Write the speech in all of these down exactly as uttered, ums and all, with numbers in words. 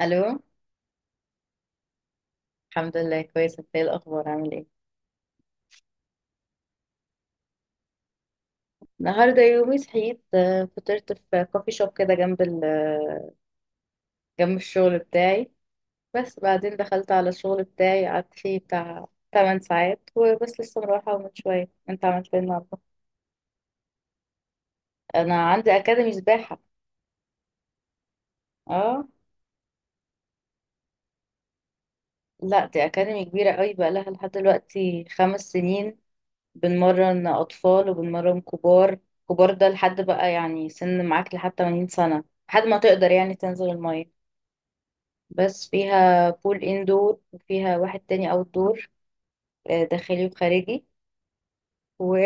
الو. الحمد لله كويسه، انت ايه الاخبار؟ عامل ايه؟ النهارده يومي صحيت، آه، فطرت في كوفي شوب كده جنب ال جنب الشغل بتاعي. بس بعدين دخلت على الشغل بتاعي، قعدت فيه بتاع 8 ساعات وبس. لسه مروحه من شويه. انت عملت ايه النهارده؟ انا عندي اكاديمي سباحه. اه. لا دي اكاديمي كبيره قوي، بقى لها لحد دلوقتي خمس سنين. بنمرن اطفال وبنمرن كبار. كبار ده لحد بقى يعني سن معاك لحد ثمانين سنة سنه، لحد ما تقدر يعني تنزل الميه. بس فيها بول اندور، وفيها واحد تاني اوت دور، داخلي وخارجي. و...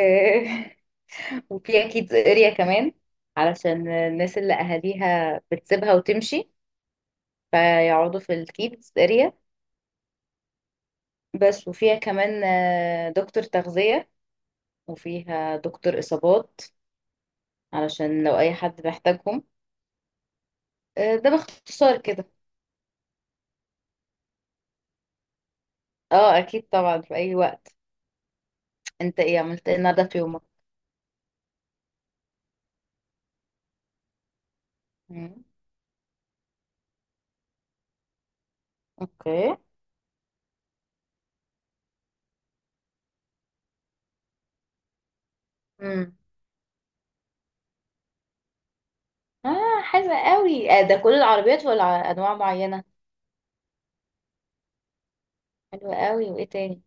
وفي اكيد اريا كمان علشان الناس اللي اهاليها بتسيبها وتمشي، فيقعدوا في الكيدز اريا بس. وفيها كمان آه، دكتور تغذية، وفيها دكتور اصابات علشان لو اي حد محتاجهم. آه، ده باختصار كده. اه اكيد طبعا في اي وقت. انت ايه عملت ايه النهارده في يومك؟ مم. اوكي. اه حلوة قوي، آه ده كل العربيات ولا ع- انواع معينة؟ حلوة قوي، وايه تاني؟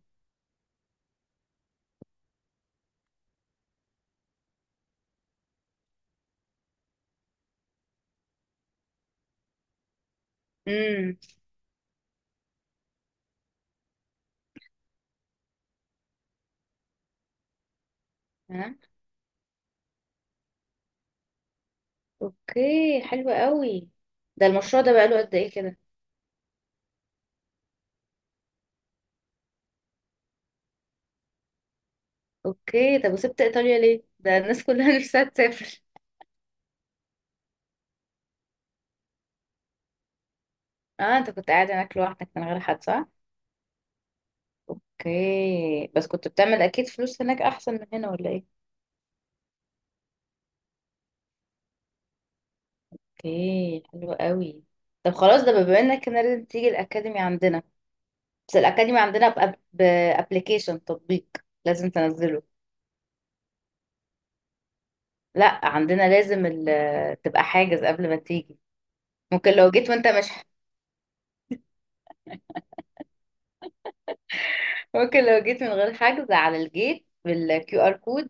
امم. تمام. اوكي حلوة قوي. ده المشروع ده بقاله قد ايه كده؟ اوكي. طب وسبت ايطاليا ليه؟ ده الناس كلها نفسها تسافر. اه انت كنت قاعد هناك لوحدك من غير حد، صح؟ اوكي، بس كنت بتعمل اكيد فلوس هناك احسن من هنا ولا ايه؟ اوكي حلوة قوي. طب خلاص، ده بما انك كده لازم تيجي الاكاديمي عندنا. بس الاكاديمي عندنا بأب- بابليكيشن، تطبيق لازم تنزله. لا عندنا لازم ال- تبقى حاجز قبل ما تيجي. ممكن لو جيت وانت مش ممكن لو جيت من غير حجز، على الجيت بالكيو ار كود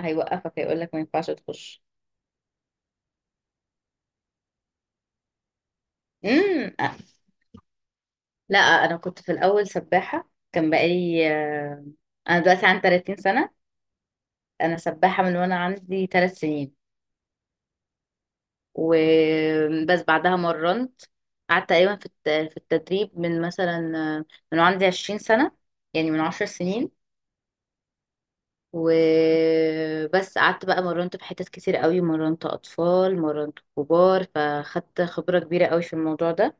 هيوقفك، هيقول لك ما ينفعش تخش. امم. لا انا كنت في الاول سباحة. كان بقالي آه، انا دلوقتي عندي 30 سنة، انا سباحة من وانا عندي 3 سنين. وبس بعدها مرنت. قعدت تقريبا في الت- في التدريب من مثلا، آه، من وأنا عندي 20 سنة، يعني من 10 سنين. وبس قعدت بقى مرنت في حتت كتير قوي، مرنت اطفال مرنت كبار، فخدت خبرة كبيرة قوي في الموضوع ده.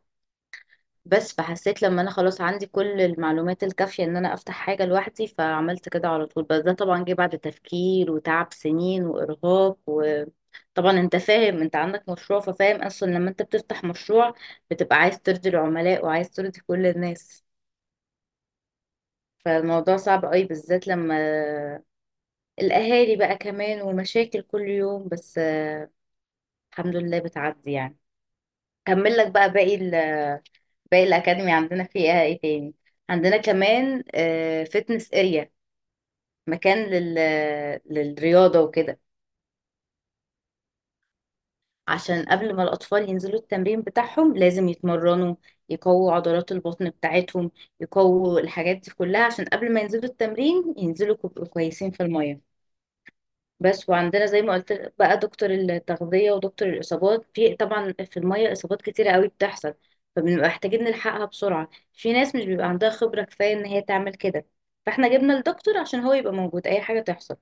بس فحسيت لما انا خلاص عندي كل المعلومات الكافية ان انا افتح حاجة لوحدي، فعملت كده على طول. بس ده طبعا جه بعد تفكير وتعب سنين وارهاق. وطبعا انت فاهم، انت عندك مشروع ففاهم اصلا لما انت بتفتح مشروع بتبقى عايز ترضي العملاء وعايز ترضي كل الناس. فالموضوع صعب قوي، بالذات لما الأهالي بقى كمان والمشاكل كل يوم. بس آه، الحمد لله بتعدي يعني. كمل لك بقى باقي ال باقي الأكاديمي. عندنا فيها ايه تاني؟ عندنا كمان فتنس اريا، مكان لل للرياضة وكده، عشان قبل ما الأطفال ينزلوا التمرين بتاعهم لازم يتمرنوا، يقووا عضلات البطن بتاعتهم، يقووا الحاجات دي كلها، عشان قبل ما ينزلوا التمرين ينزلوا كويسين في المية. بس. وعندنا زي ما قلت بقى دكتور التغذية ودكتور الإصابات. في طبعا في المية إصابات كتيرة قوي بتحصل، فبنبقى محتاجين نلحقها بسرعة. في ناس مش بيبقى عندها خبرة كفاية إن هي تعمل كده، فاحنا جبنا الدكتور عشان هو يبقى موجود أي حاجة تحصل.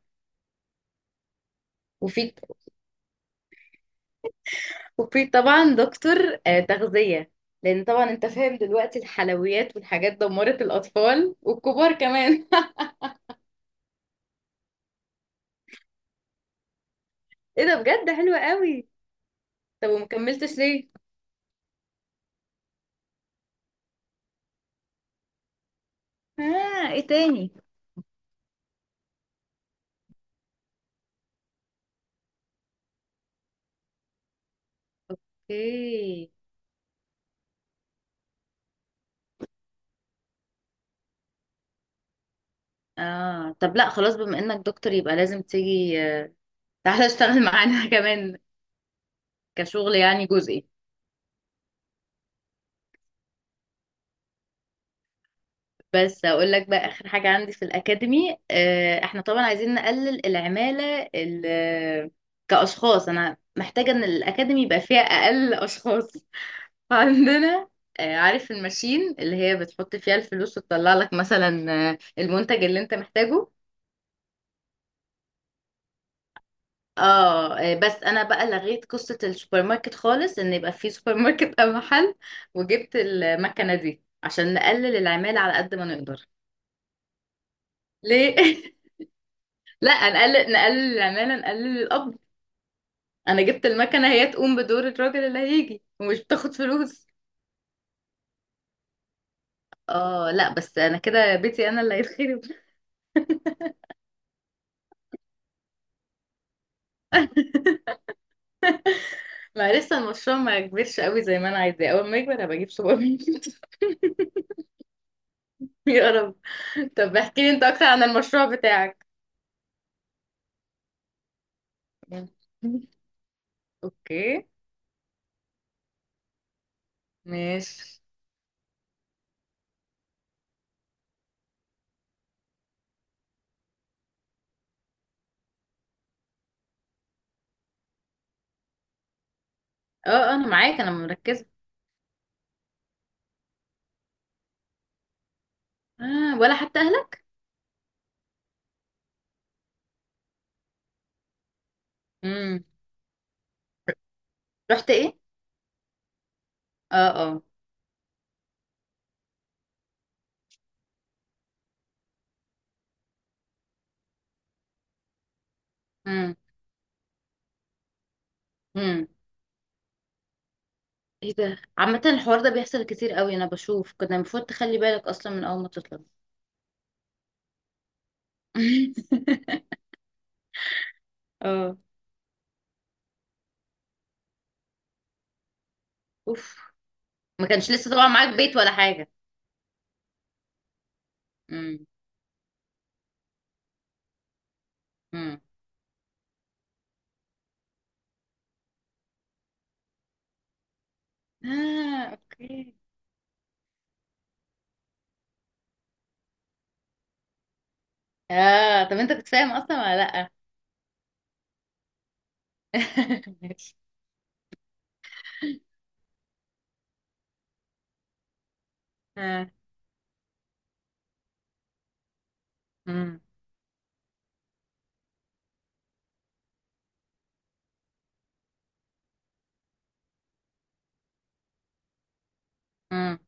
وفي وفي طبعا دكتور آه، تغذية، لأن طبعا أنت فاهم دلوقتي الحلويات والحاجات دمرت الأطفال والكبار كمان. إيه ده بجد، حلوة قوي. طب ومكملتش ليه؟ آه إيه تاني؟ اوكي. اه طب لا خلاص، بما انك دكتور يبقى لازم تيجي آه، تعالى اشتغل معانا كمان، كشغل يعني جزئي. بس اقول لك بقى اخر حاجة عندي في الاكاديمي آه، احنا طبعا عايزين نقلل العمالة ال- آه، كاشخاص. انا محتاجة ان الاكاديمي يبقى فيها اقل اشخاص عندنا. آه، عارف الماشين اللي هي بتحط فيها الفلوس وتطلع لك مثلا آه، المنتج اللي انت محتاجه؟ اه آه، بس انا بقى لغيت قصة السوبر ماركت خالص، ان يبقى في سوبر ماركت او محل، وجبت المكنة دي عشان نقلل العمالة على قد ما نقدر. ليه؟ لا نقلل نقلل العمالة نقلل القبض. انا جبت المكنة هي تقوم بدور الراجل اللي هيجي، ومش بتاخد فلوس. اه لا بس انا كده بيتي انا اللي هيتخرب. ما لسه المشروع ما كبرش قوي زي ما انا عايزاه. اول ما يكبر هبقى اجيب سوبر ماركت. يا رب. طب احكي لي انت اكتر عن المشروع بتاعك. اوكي. ماشي. اه آه، انا معاك، انا مركزه. آه ولا حتى اهلك؟ امم. رحت ايه؟ اه. اه. امم. امم. ايه ده، عامه الحوار ده بيحصل كتير قوي، انا بشوف كنا المفروض تخلي بالك اصلا من اول ما تطلع. اه. اوف. ما كانش لسه طبعا معاك بيت ولا حاجه؟ امم. امم. اه. اوكي. اه طب انت كنت فاهم اصلا ولا لا؟ ماشي. اه. امم. امم.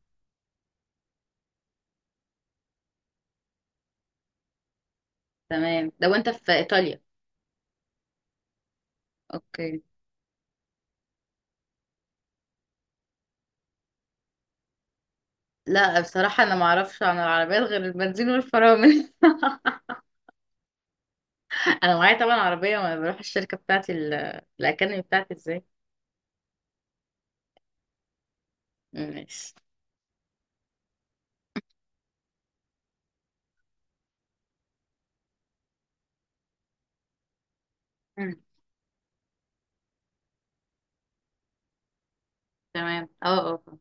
تمام، لو انت في ايطاليا. اوكي. لا بصراحة أنا معرفش عن العربيات غير البنزين والفرامل. أنا معايا طبعا عربية، وأنا بروح الشركة بتاعتي، ال- الأكاديمي بتاعتي إزاي. ماشي. مم. تمام. اه اه.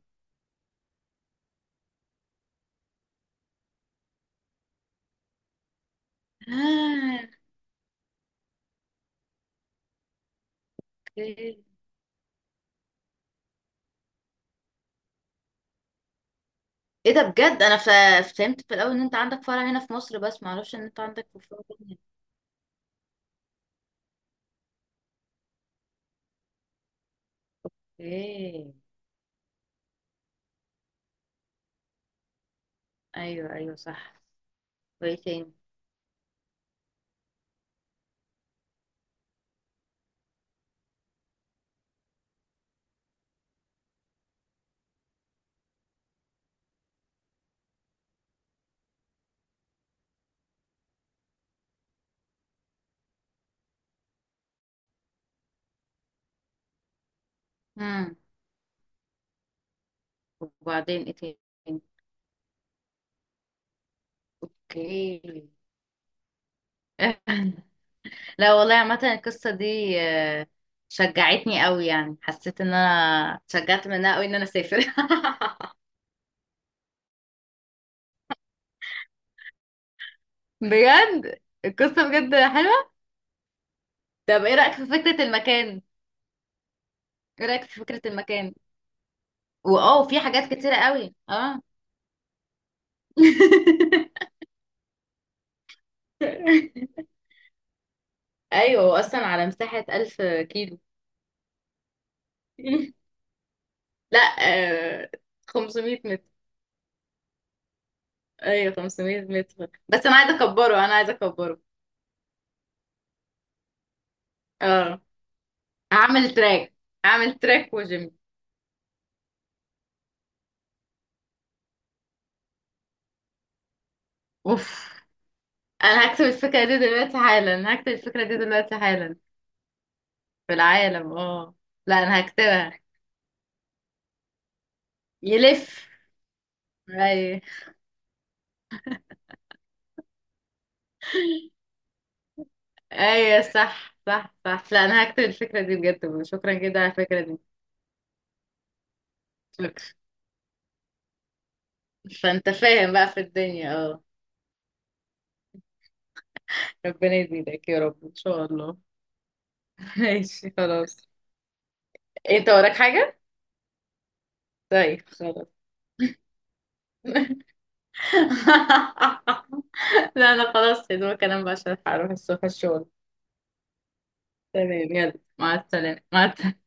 آه، اوكي. ايه ده بجد، انا فا- فهمت في الاول ان انت عندك فرع هنا في مصر، بس ما اعرفش ان انت عندك في فرع تاني. اوكي. ايوه ايوه صح. وايه تاني؟ امم. وبعدين ايه تاني؟ اوكي. لا والله عامة القصة دي آه، شجعتني قوي، يعني حسيت ان انا اتشجعت منها قوي ان انا اسافر. بجد القصة بجد حلوة. طب ايه رأيك في فكرة المكان؟ ايه رأيك في فكرة المكان؟ واه في حاجات كتيرة قوي اه. ايوه هو اصلا على مساحة ألف كيلو. لا آه 500 متر. ايوه 500 متر، بس انا عايزة اكبره، انا عايزة اكبره. اه. هعمل تراك، هعمل تراك وجيم. اوف. انا هكتب الفكرة دي دلوقتي حالا، هكتب الفكرة دي دلوقتي حالا. في العالم اه. لا انا هكتبها. يلف. اي. اي صح صح صح، لا انا هكتب الفكرة دي بجد، شكرا جدا على الفكرة دي. شكرا. فانت فاهم بقى في الدنيا، اه. ربنا يزيدك يا رب، ان شاء الله. ماشي خلاص. انت وراك حاجة؟ طيب خلاص. لا انا خلاص، يا دوبك انام بقى عشان هروح الصبح الشغل. تمام يلا، مع السلامة مع السلامة.